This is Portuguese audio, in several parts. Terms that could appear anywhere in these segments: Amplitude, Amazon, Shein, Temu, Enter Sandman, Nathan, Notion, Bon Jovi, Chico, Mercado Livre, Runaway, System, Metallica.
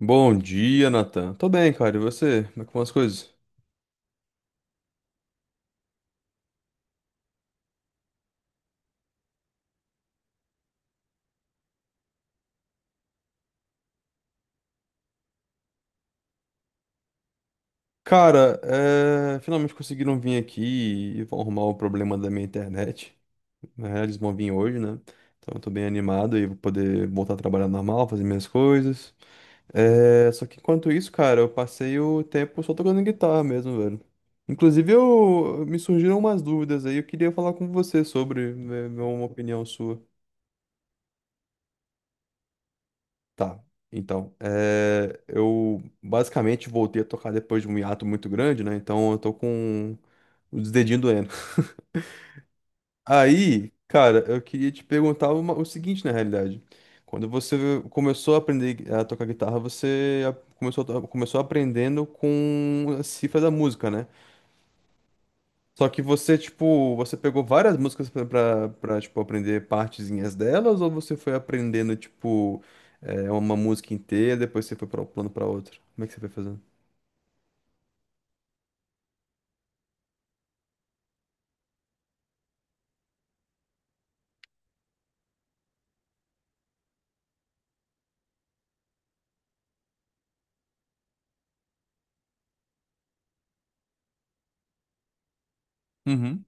Bom dia, Nathan. Tô bem, cara. E você? Como é que vão as coisas? Cara, finalmente conseguiram vir aqui e vão arrumar o problema da minha internet, né? Eles vão vir hoje, né? Então eu tô bem animado e vou poder voltar a trabalhar normal, fazer minhas coisas. Só que enquanto isso, cara, eu passei o tempo só tocando guitarra mesmo, velho. Inclusive, me surgiram umas dúvidas aí. Eu queria falar com você sobre, ver uma opinião sua. Tá. Então, eu basicamente voltei a tocar depois de um hiato muito grande, né? Então eu tô com os dedinhos doendo. Aí, cara, eu queria te perguntar o seguinte, na realidade. Quando você começou a aprender a tocar guitarra, você começou aprendendo com a cifra da música, né? Só que você, tipo, você pegou várias músicas pra, tipo, aprender partezinhas delas, ou você foi aprendendo, tipo, uma música inteira, depois você foi pra um plano pra outro? Como é que você foi fazendo? Uhum.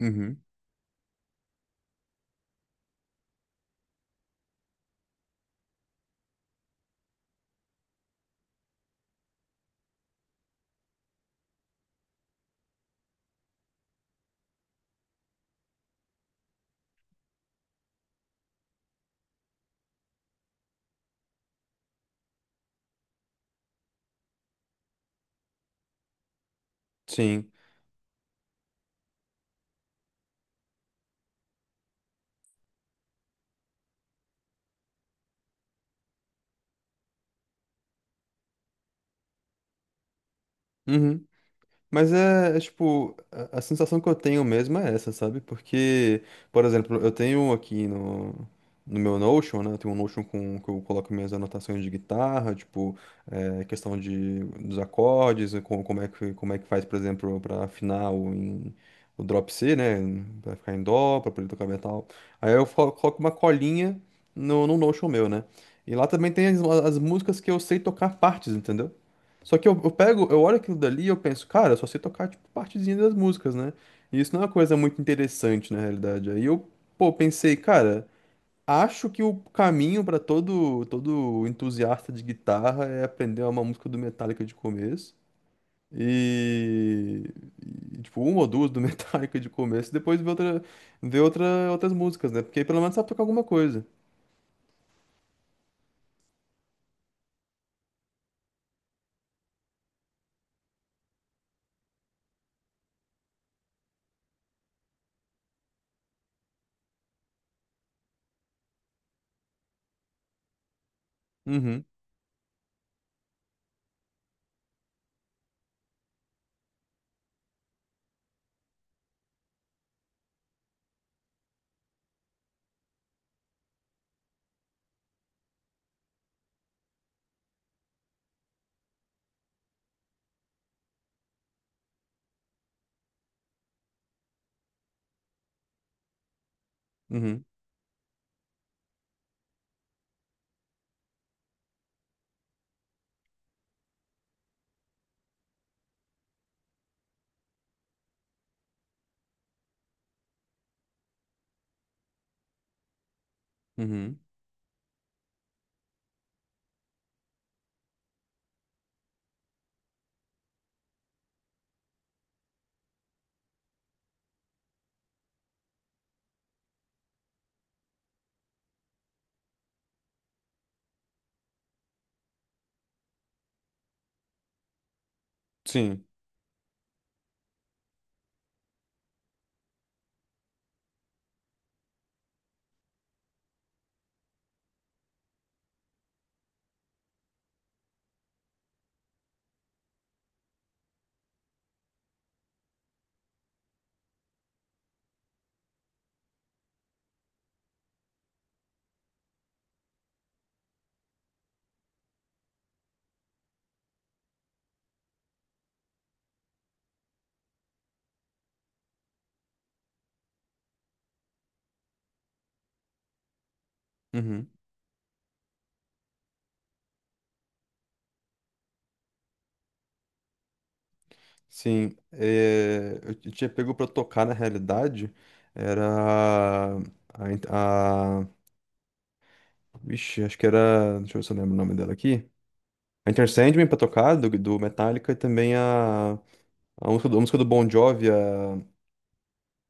Uhum. Sim. Uhum. Mas é, tipo, a sensação que eu tenho mesmo é essa, sabe? Porque, por exemplo, eu tenho um aqui no meu Notion, né? Eu tenho um Notion com que eu coloco minhas anotações de guitarra, tipo. É, questão dos acordes, e como é que faz, por exemplo, para afinar o drop C, né? Para ficar em dó, para poder tocar metal. Aí eu coloco uma colinha no Notion meu, né? E lá também tem as músicas que eu sei tocar partes, entendeu? Só que eu pego, eu olho aquilo dali e eu penso, cara, eu só sei tocar, tipo, partezinha das músicas, né? E isso não é uma coisa muito interessante, na realidade. Aí eu, pô, pensei, cara. Acho que o caminho para todo entusiasta de guitarra é aprender uma música do Metallica de começo e, tipo uma ou duas do Metallica de começo, e depois ver ver outra, outras músicas, né? Porque aí pelo menos sabe tocar alguma coisa. Uhum, uhum, uhum. Sim, uhum. Sim, eu tinha pego para tocar na realidade era a, a, a- vixe, acho que era, deixa eu ver se eu lembro o nome dela aqui. A Enter Sandman pra tocar, do Metallica, e também a música do Bon Jovi, a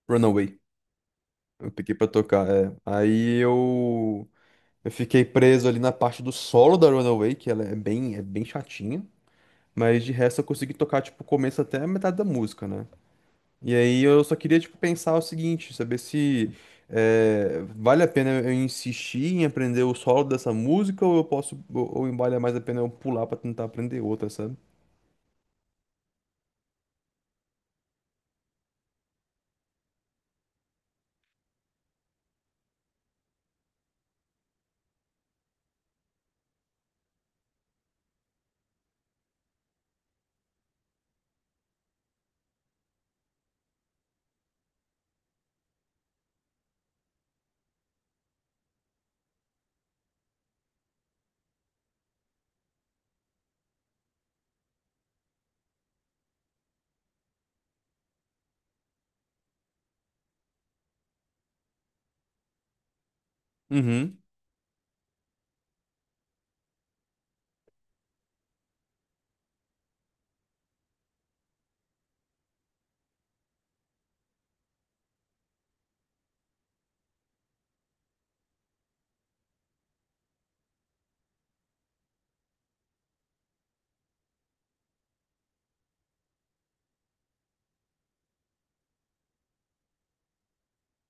Runaway. Eu peguei pra tocar, é. Aí eu fiquei preso ali na parte do solo da Runaway, que ela é bem chatinha. Mas de resto eu consegui tocar, tipo, o começo até a metade da música, né? E aí eu só queria, tipo, pensar o seguinte, saber se vale a pena eu insistir em aprender o solo dessa música ou eu posso, ou vale mais a pena eu pular pra tentar aprender outra, sabe? Uhum,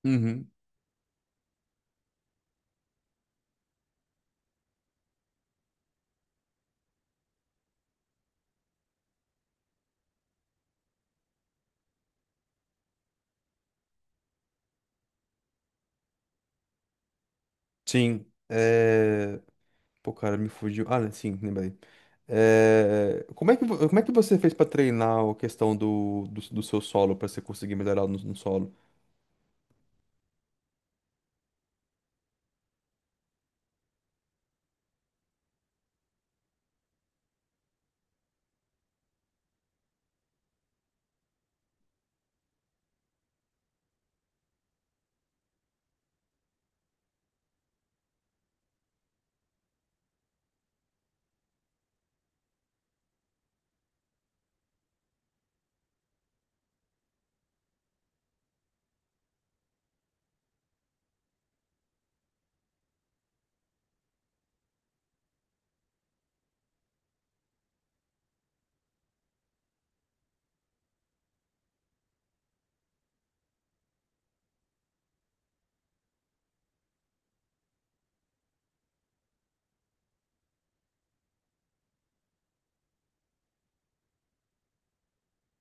uhum. Sim. É. Pô, cara, me fugiu. Ah, né, sim, lembrei. Como é que você fez pra treinar a questão do seu solo, pra você conseguir melhorar no solo?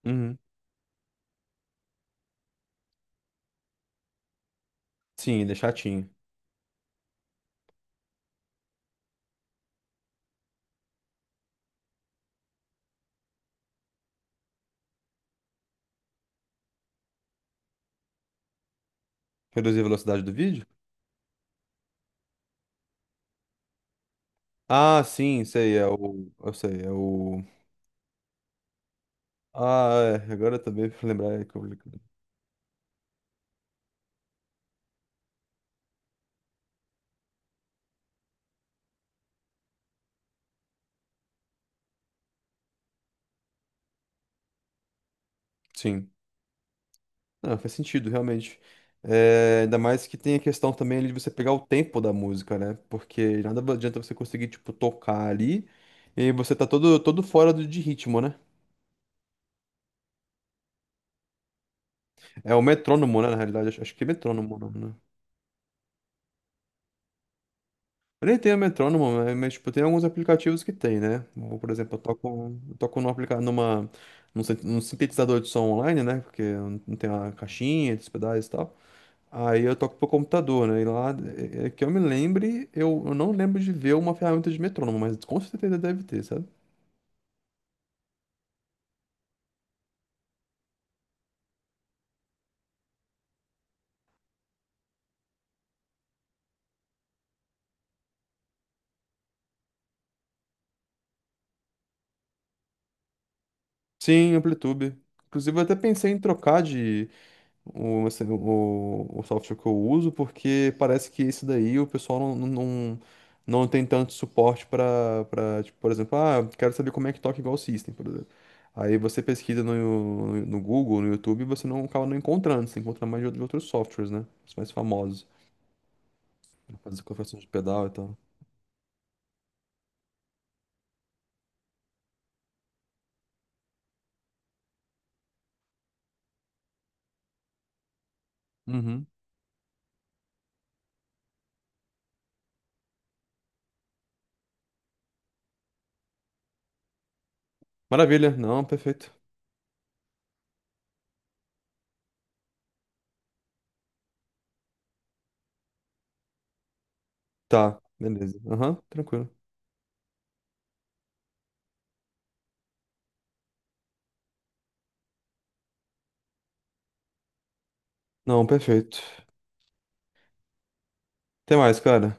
Uhum. Sim, ele é chatinho. Reduzir a velocidade do vídeo? Ah, sim, sei, é o. Eu sei, é o. Ah, é, agora também pra lembrar é que eu. Sim. Não, faz sentido, realmente. É, ainda mais que tem a questão também ali de você pegar o tempo da música, né? Porque nada adianta você conseguir, tipo, tocar ali e você tá todo fora de ritmo, né? É o metrônomo, né? Na realidade, acho que é metrônomo, né? Eu nem tenho metrônomo, né? Mas, tipo, tem alguns aplicativos que tem, né? Ou, por exemplo, eu toco num, aplica numa, num, sin- num sintetizador de som online, né? Porque não tem a caixinha, os pedais e tal. Aí eu toco pro computador, né? E lá, é que eu me lembre, eu não lembro de ver uma ferramenta de metrônomo, mas com certeza deve ter, sabe? Sim, Amplitude. Inclusive, eu até pensei em trocar de o software que eu uso, porque parece que esse daí o pessoal não não tem tanto suporte para, tipo, por exemplo, ah, eu quero saber como é que toca igual o System, por exemplo. Aí você pesquisa no Google, no YouTube, e você não acaba não encontrando, você encontra mais de outros softwares, né? Os mais famosos. Fazer conversões de pedal e tal. Uhum. Maravilha. Não, perfeito. Tá, beleza. Aham, tranquilo. Não, perfeito. Até mais, cara.